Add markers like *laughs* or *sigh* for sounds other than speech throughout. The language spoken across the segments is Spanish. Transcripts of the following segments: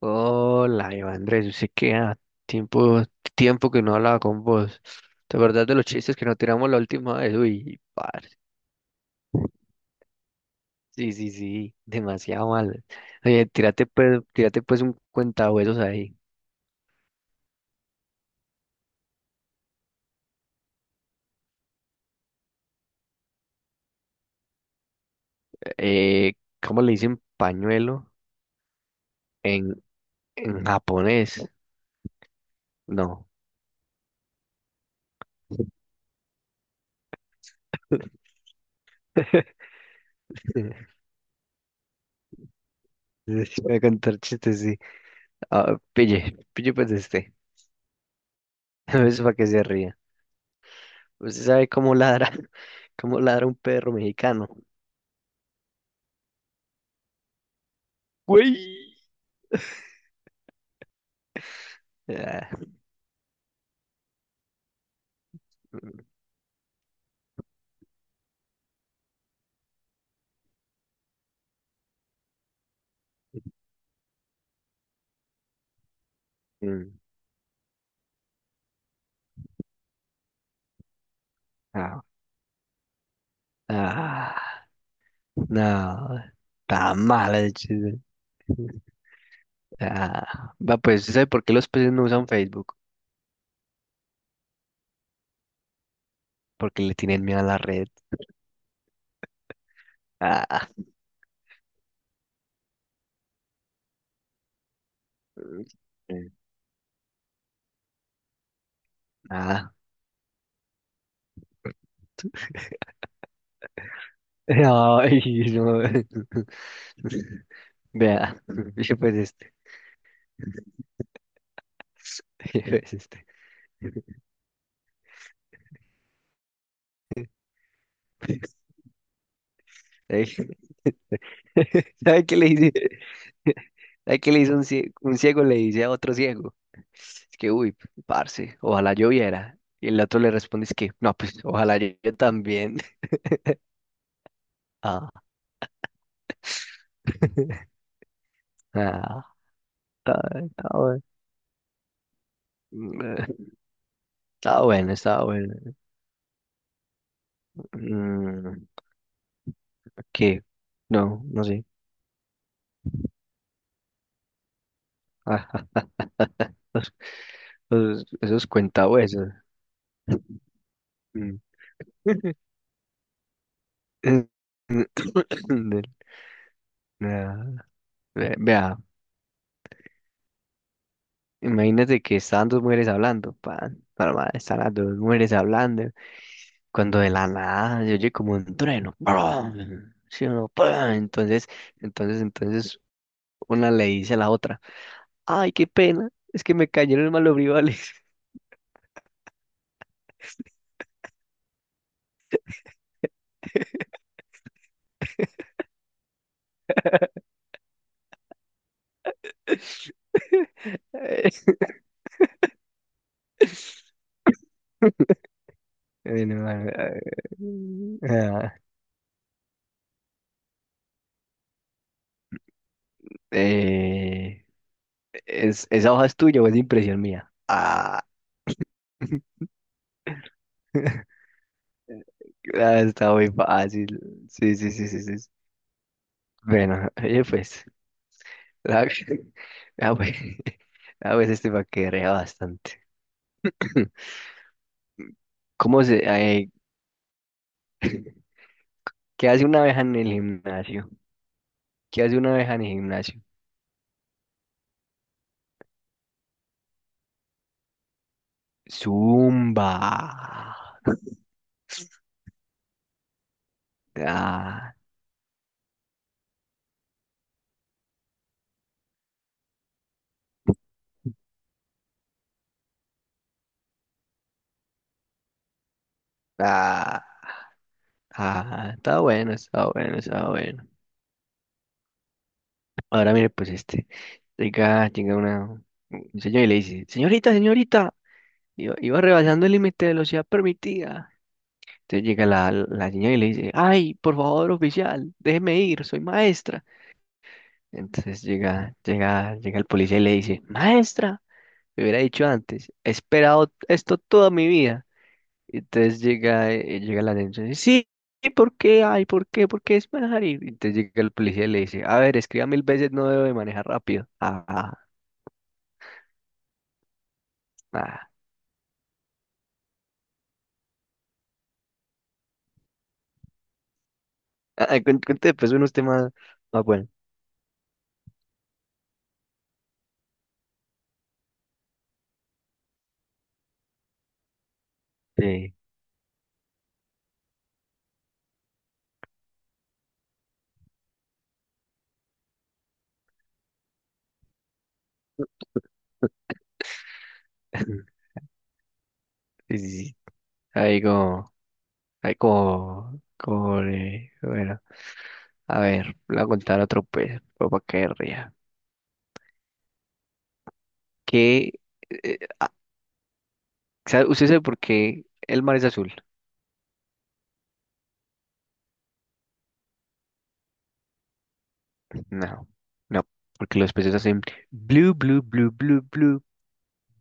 Hola, Iván Andrés, yo sé que tiempo, tiempo que no hablaba con vos. ¿Te acordás de los chistes que nos tiramos la última vez? Uy, par. Sí, sí, sí, demasiado mal. Oye, tírate pues un cuentahuesos ahí. Eh, ¿Cómo le dicen pañuelo en, en japonés? No. *laughs* Voy a contar chistes, sí. Ah, pille, pille pues este. *laughs* Es para que se ría. ¿Usted sabe cómo ladra, *laughs* cómo ladra un perro mexicano? Güey. Ah, mm, no, ah, no, está mala de va, pues, ¿sabe por qué los peces no usan Facebook? Porque le tienen miedo a la red. Ah, mm, ah. *laughs* Ay, no. *laughs* Vea, *laughs* yo pues este. *laughs* Yo pues este. Ey. *laughs* ¿Sabe qué le dice? *laughs* ¿Sabe qué le dice un ciego? Un ciego le dice a otro ciego. Es que, uy, parce, ojalá lloviera. Y el otro le responde, es que, no, pues, ojalá yo también. *laughs* Ah, ah, está, está bueno. Mm. Está bueno, está bueno. Mm. ¿Qué? No, no sé. Ah, *laughs* Esos, esos cuentahuesos. Mm. *laughs* Del- ah, *clears throat* Vea, imagínate que estaban dos mujeres hablando, pan, normal, están las dos mujeres hablando, cuando de la nada se oye como un trueno, ¡prum! Sí, uno, ¡prum! Entonces, una le dice a la otra, ay, qué pena, es que me cayeron mal los brivales. *laughs* No, ah, eh, es, esa hoja es tuya o es impresión mía. Ah, *laughs* ah, está muy fácil. Sí, sí, sí, sí, sí. Bueno, oye, pues. Ah, *laughs* ah, pues, *laughs* ah, pues este paquetea bastante. *laughs* ¿Cómo se, eh, ¿qué hace una abeja en el gimnasio? ¿Qué hace una abeja en el gimnasio? Zumba. Ah, ah, ah, está bueno, está bueno, está bueno. Ahora mire, pues este, llega una, un señor y le dice, señorita, señorita, iba rebasando el límite de velocidad permitida. Entonces llega la, la señora y le dice, ay, por favor, oficial, déjeme ir, soy maestra. Entonces llega el policía y le dice, maestra, me hubiera dicho antes, he esperado esto toda mi vida. Y entonces llega, llega la denuncia y dice, sí, ¿por qué? Ay, ¿por qué? ¿Por qué es manejar? Y entonces llega el policía y le dice, a ver, escriba mil veces, no debo de manejar rápido. Ah. Ah, cuente después unos temas más buenos. Sí, *laughs* sí, sí, sí. Ahí como, ahí como, bueno, a ver, voy a contar otro pues, para que ría. ¿Qué? ¿Usted sabe por qué el mar es azul? No, no, porque los peces hacen blue, blue, blue, blue, blue,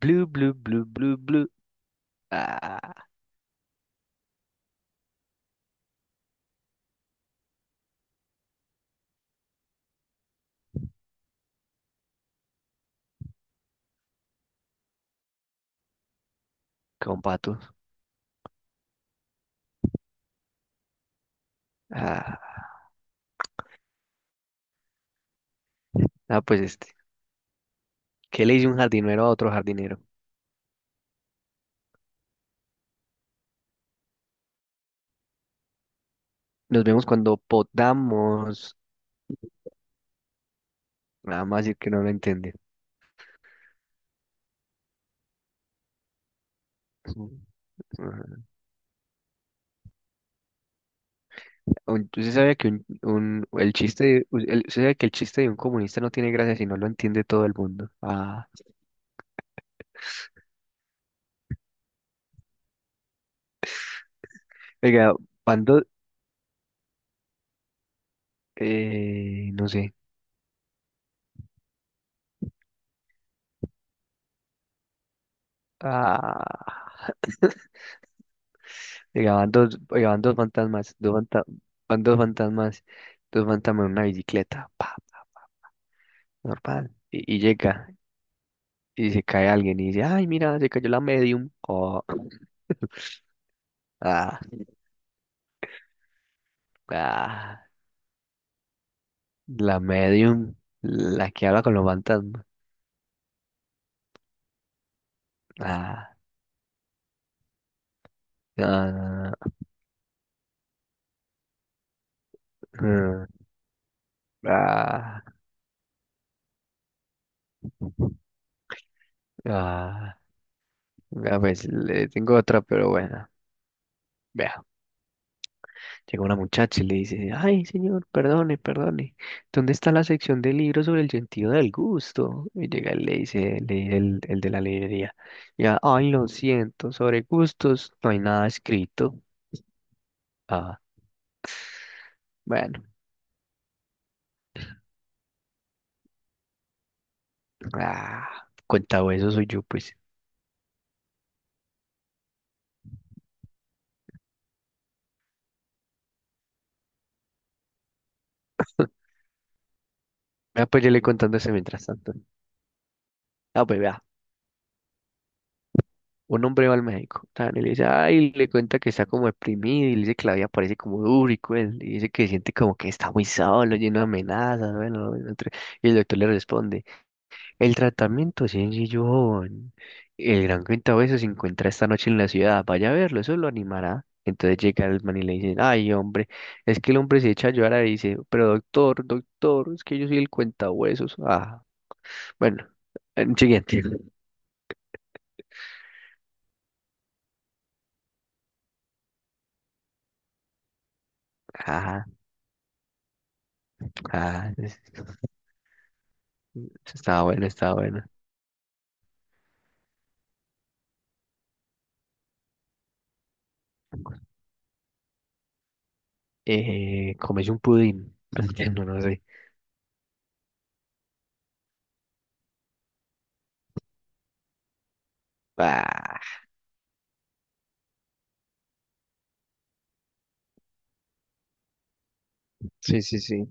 blue, blue, blue, blue, blue. Ah, con patos. Ah, pues este. ¿Qué le dice un jardinero a otro jardinero? Nos vemos cuando podamos. Nada más decir que no lo entiende. Ujú. ¿Usted sabía que un- el chiste de- u- el- usted sabe que el chiste de un comunista no tiene gracia si no lo entiende todo el mundo? Ah, oiga, cuando no sé. Ah, llegaban dos fantasmas, dos fantasmas, dos fantasmas en una bicicleta, pa, pa, normal. Y llega, y se cae alguien y dice, ay, mira, se cayó la medium. Oh, ah, ah, la medium, la que habla con los fantasmas. Ah, ah, ah, ah, ah, ah, pues le tengo otra, pero bueno. Llega una muchacha y le dice, ay, señor, perdone, perdone, ¿dónde está la sección de libros sobre el sentido del gusto? Y llega y le dice el de la librería, ya, ay, lo siento, sobre gustos no hay nada escrito. Ah, bueno, ah, cuenta eso soy yo, pues. Ah, pues yo le contando eso mientras tanto. Ah, pues vea. Un hombre va al médico, tan, y le dice, ay, le cuenta que está como deprimido, y le dice que la vida parece como dura y cruel, y dice que siente como que está muy solo, lleno de amenazas, bueno, no, y el doctor le responde, el tratamiento es sencillo, joven. El gran cuentabesos se encuentra esta noche en la ciudad, vaya a verlo, eso lo animará. Entonces llega el man y le dice, ay, hombre, es que el hombre se echa a llorar y dice, pero doctor, doctor, es que yo soy el cuentahuesos. Ah, bueno, siguiente. *laughs* Ajá, ajá. Estaba buena, estaba buena. Comes un pudín. *laughs* No, no sé. Ah, sí, sí, sí.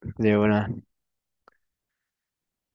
De una.